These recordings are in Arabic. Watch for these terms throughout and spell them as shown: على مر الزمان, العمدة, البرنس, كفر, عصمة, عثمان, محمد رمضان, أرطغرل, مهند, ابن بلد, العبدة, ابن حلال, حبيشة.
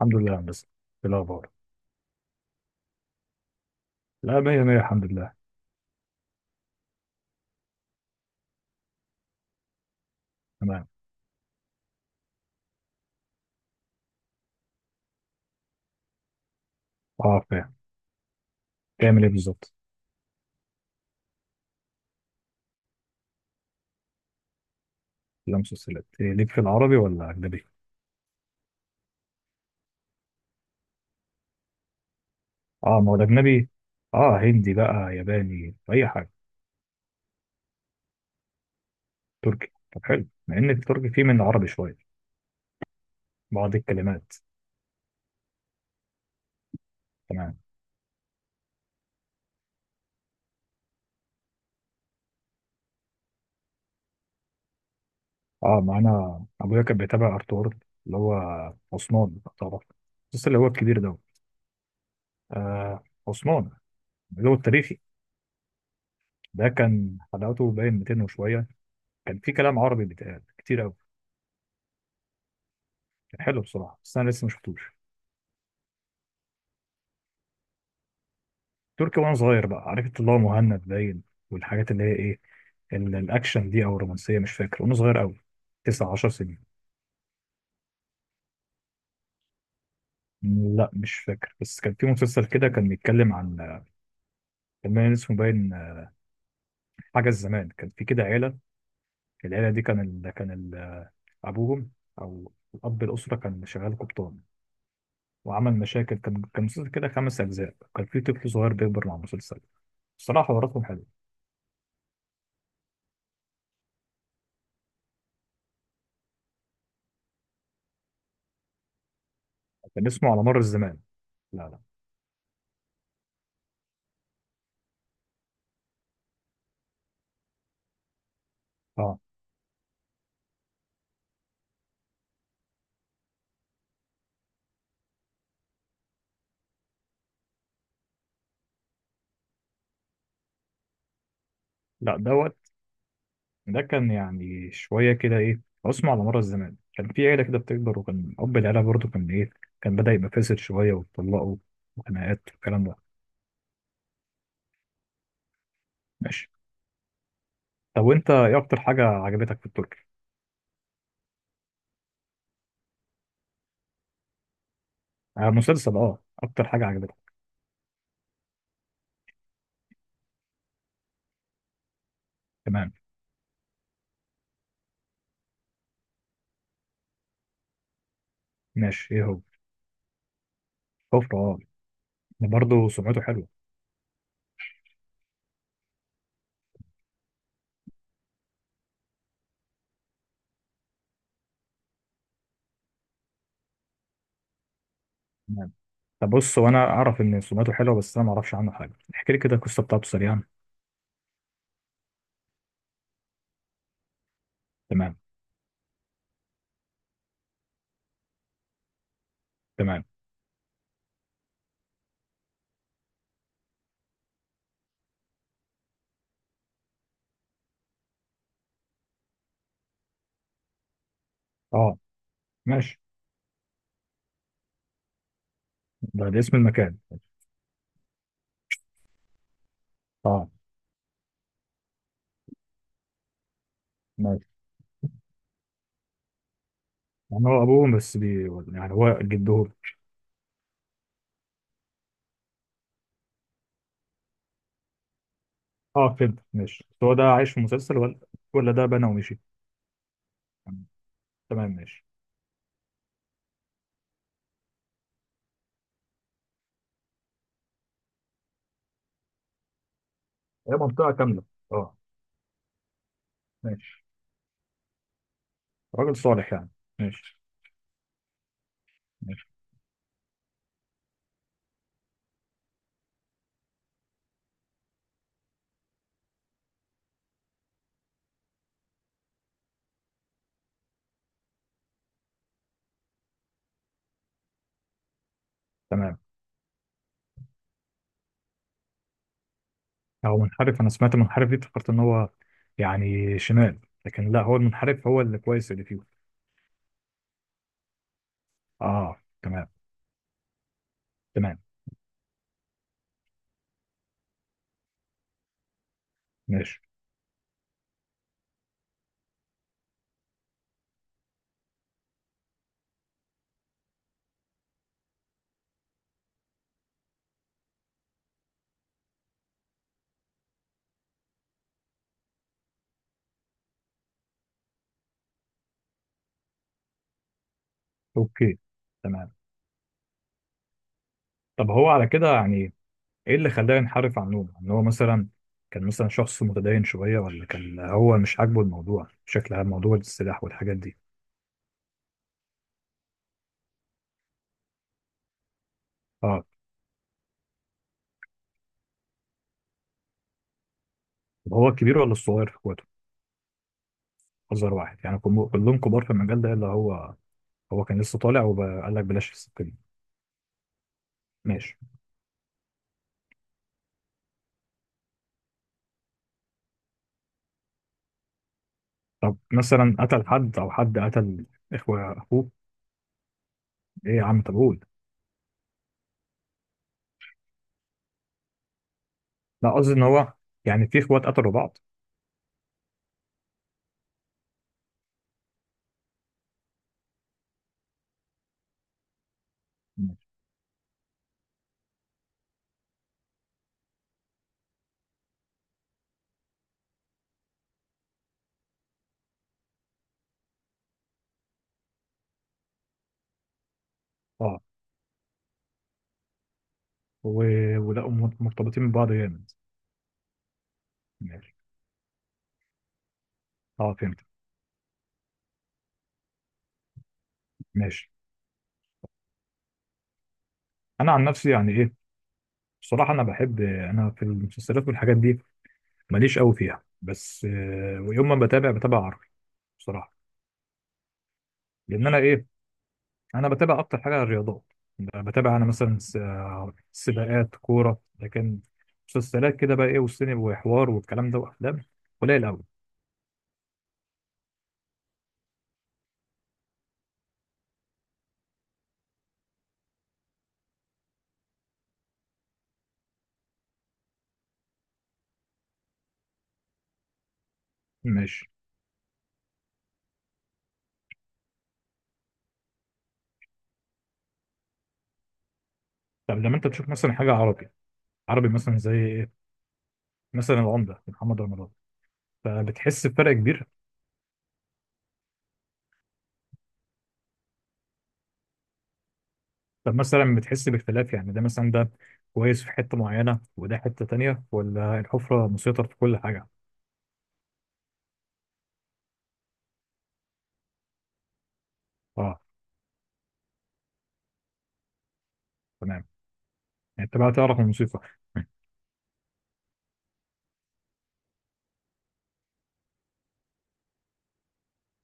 الحمد لله يا هندسة. إيه الأخبار؟ لا، مية مية الحمد لله. تمام. أه فاهم. تعمل إيه بالظبط؟ لا مسلسلات إيه ليك، في العربي ولا أجنبي؟ أه ما هو الأجنبي. أه هندي بقى ياباني أي حاجة. تركي، طب حلو، مع إن التركي فيه من العربي شوية. بعض الكلمات. تمام. أه ما أنا أبويا كان بيتابع أرطغرل اللي هو عثمان لو تعرف، المسلسل اللي هو الكبير ده. آه عثمان اللي هو التاريخي. ده كان حلقاته باين 200 وشوية. كان في كلام عربي بيتقال كتير أوي. كان حلو بصراحة، بس أنا لسه ما شفتوش. تركي وانا صغير بقى عرفت اللي هو مهند باين، والحاجات اللي هي ايه، الاكشن دي او الرومانسيه، مش فاكر وانا صغير قوي. 19 سنين. لا مش فاكر، بس كان في مسلسل كده كان بيتكلم عن، كان باين اسمه باين حاجه الزمان. كان في كده عيله، العيله دي كان ال... كان ال... آه، ابوهم او الاب، الاسره كان شغال قبطان وعمل مشاكل. كان مسلسل كده خمس اجزاء، كان في طفل صغير بيكبر مع المسلسل. الصراحه حواراتهم حلوه. كان اسمه على مر الزمان. لا لا. اه. لا ده كان يعني شوية كده إيه عصمة على مر الزمان. كان في عيلة كده بتكبر، وكان أب العيلة برضه كان إيه، كان بدأ يبقى فاسد شوية، واتطلقوا وخناقات والكلام ده. ماشي. طب وأنت إيه أكتر حاجة عجبتك في التركي؟ آه مسلسل. أه أكتر حاجة عجبتك. تمام. ماشي، إيه هو؟ كفر أه. ده برضه سمعته حلوة. تمام. طب بص هو، أنا أعرف إن سمعته حلوة، بس أنا معرفش عنه حاجة، احكي لي كده القصة بتاعته سريعا. تمام. تمام. أه. ماشي. ده اسم المكان. أه. ماشي. يعني هو أبوهم بس بي، يعني هو جدهم. اه فهمت ماشي، بس هو ده عايش في مسلسل، ولا ولا ده بنى ومشي؟ تمام ماشي. هي منطقة كاملة. اه. ماشي. راجل صالح يعني. ماشي. ماشي. تمام. هو منحرف، انا سمعت منحرف دي افتكرت ان هو، يعني شمال، لكن لا هو المنحرف هو اللي كويس اللي فيه. اه. تمام. تمام. ماشي. اوكي. تمام. طب هو على كده يعني، ايه اللي خلاه ينحرف عن نومه، ان هو مثلا كان مثلا شخص متدين شوية، ولا كان هو مش عاجبه الموضوع بشكل عام، موضوع السلاح والحاجات دي؟ اه. طب هو الكبير ولا الصغير في اخواته؟ اصغر واحد، يعني كلهم كبار في المجال ده اللي هو، هو كان لسه طالع وقال لك بلاش السكه دي. ماشي. طب مثلا قتل حد او حد قتل اخوه؟ اخوه؟ ايه يا عم طب قول. لا قصدي ان هو، يعني في اخوات قتلوا بعض؟ ماشي. اه. و... ولقوا مرتبطين ببعض جامد. ماشي. اه فهمت. ماشي. انا عن نفسي يعني ايه، بصراحه انا بحب، انا في المسلسلات والحاجات دي ماليش قوي فيها، بس ويوم ما بتابع بتابع عربي بصراحه. لان انا ايه، انا بتابع اكتر حاجه الرياضات. يعني بتابع انا مثلا سباقات كوره، لكن مسلسلات كده بقى ايه والسينما وحوار والكلام ده وافلام، قليل قوي. ماشي. طب لما انت تشوف مثلا حاجه عربي، عربي مثلا زي ايه، مثلا العمده محمد رمضان، فبتحس بفرق كبير. طب مثلا بتحس باختلاف، يعني ده مثلا ده كويس في حته معينه وده حته تانية، ولا الحفره مسيطر في كل حاجه؟ اه. تمام. يعني انت بقى تعرف الموسيقى.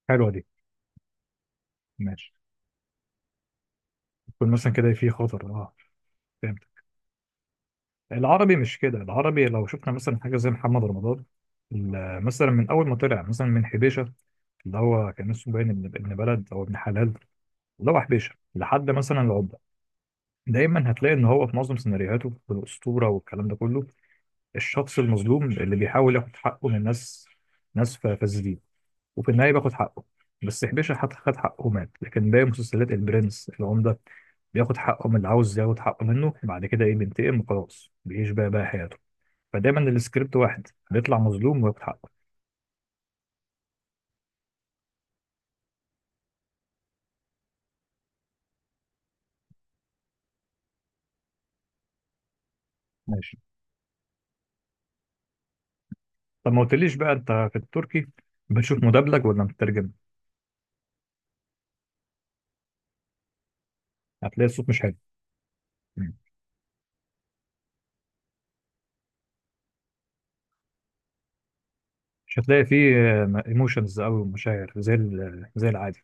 حلوه دي. ماشي. يكون مثلا كده في خطر اه. فهمت. العربي مش كده. العربي لو شفنا مثلا حاجة زي محمد رمضان، مثلا من أول ما طلع مثلا من حبيشة، اللي هو كان اسمه باين ابن بلد أو ابن حلال، اللي هو حبيشة لحد مثلا العبدة، دايما هتلاقي إن هو في معظم سيناريوهاته في الأسطورة والكلام ده كله، الشخص المظلوم اللي بيحاول ياخد حقه من ناس، فاسدين، وفي النهاية بياخد حقه. بس حبيشة خد حقه ومات. لكن باقي مسلسلات البرنس العمدة، بياخد حقه من اللي عاوز ياخد حقه منه، بعد كده إيه بينتقم وخلاص بيعيش بقى حياته. فدايما السكريبت واحد، بيطلع مظلوم وياخد حقه. ماشي. طب ما قلتليش بقى، انت في التركي بتشوف مدبلج ولا مترجم؟ هتلاقي الصوت مش حلو. مم. مش هتلاقي فيه ايموشنز او مشاعر زي زي العادي.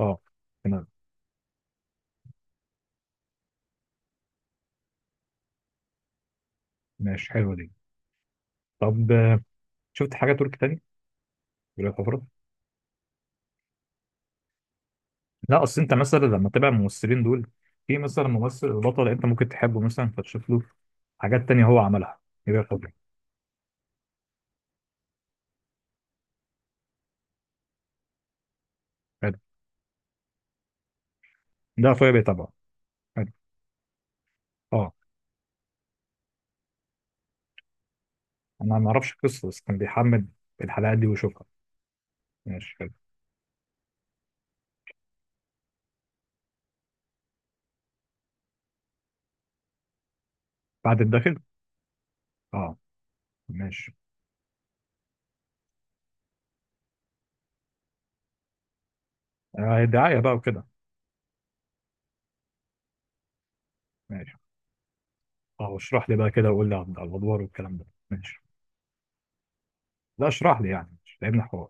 اه. تمام. ماشي، حلوه دي. طب شفت حاجه تركي تاني غير الحفرات؟ لا اصل انت مثلا لما تتابع الممثلين دول، في مثلا ممثل البطل انت ممكن تحبه، مثلا فتشوف له حاجات تانية هو عملها غير الحفرة. حلو. ده اخويا بيتابعه. حلو. اه. انا ما اعرفش القصه، بس كان بيحمل الحلقات دي ويشوفها. ماشي حلو. بعد الداخل. اه. ماشي. آه دعاية بقى وكده. ماشي. اه اشرح لي بقى كده، وقول لي على الادوار والكلام ده. ماشي. لا اشرح لي، يعني مش لعبنا حوار.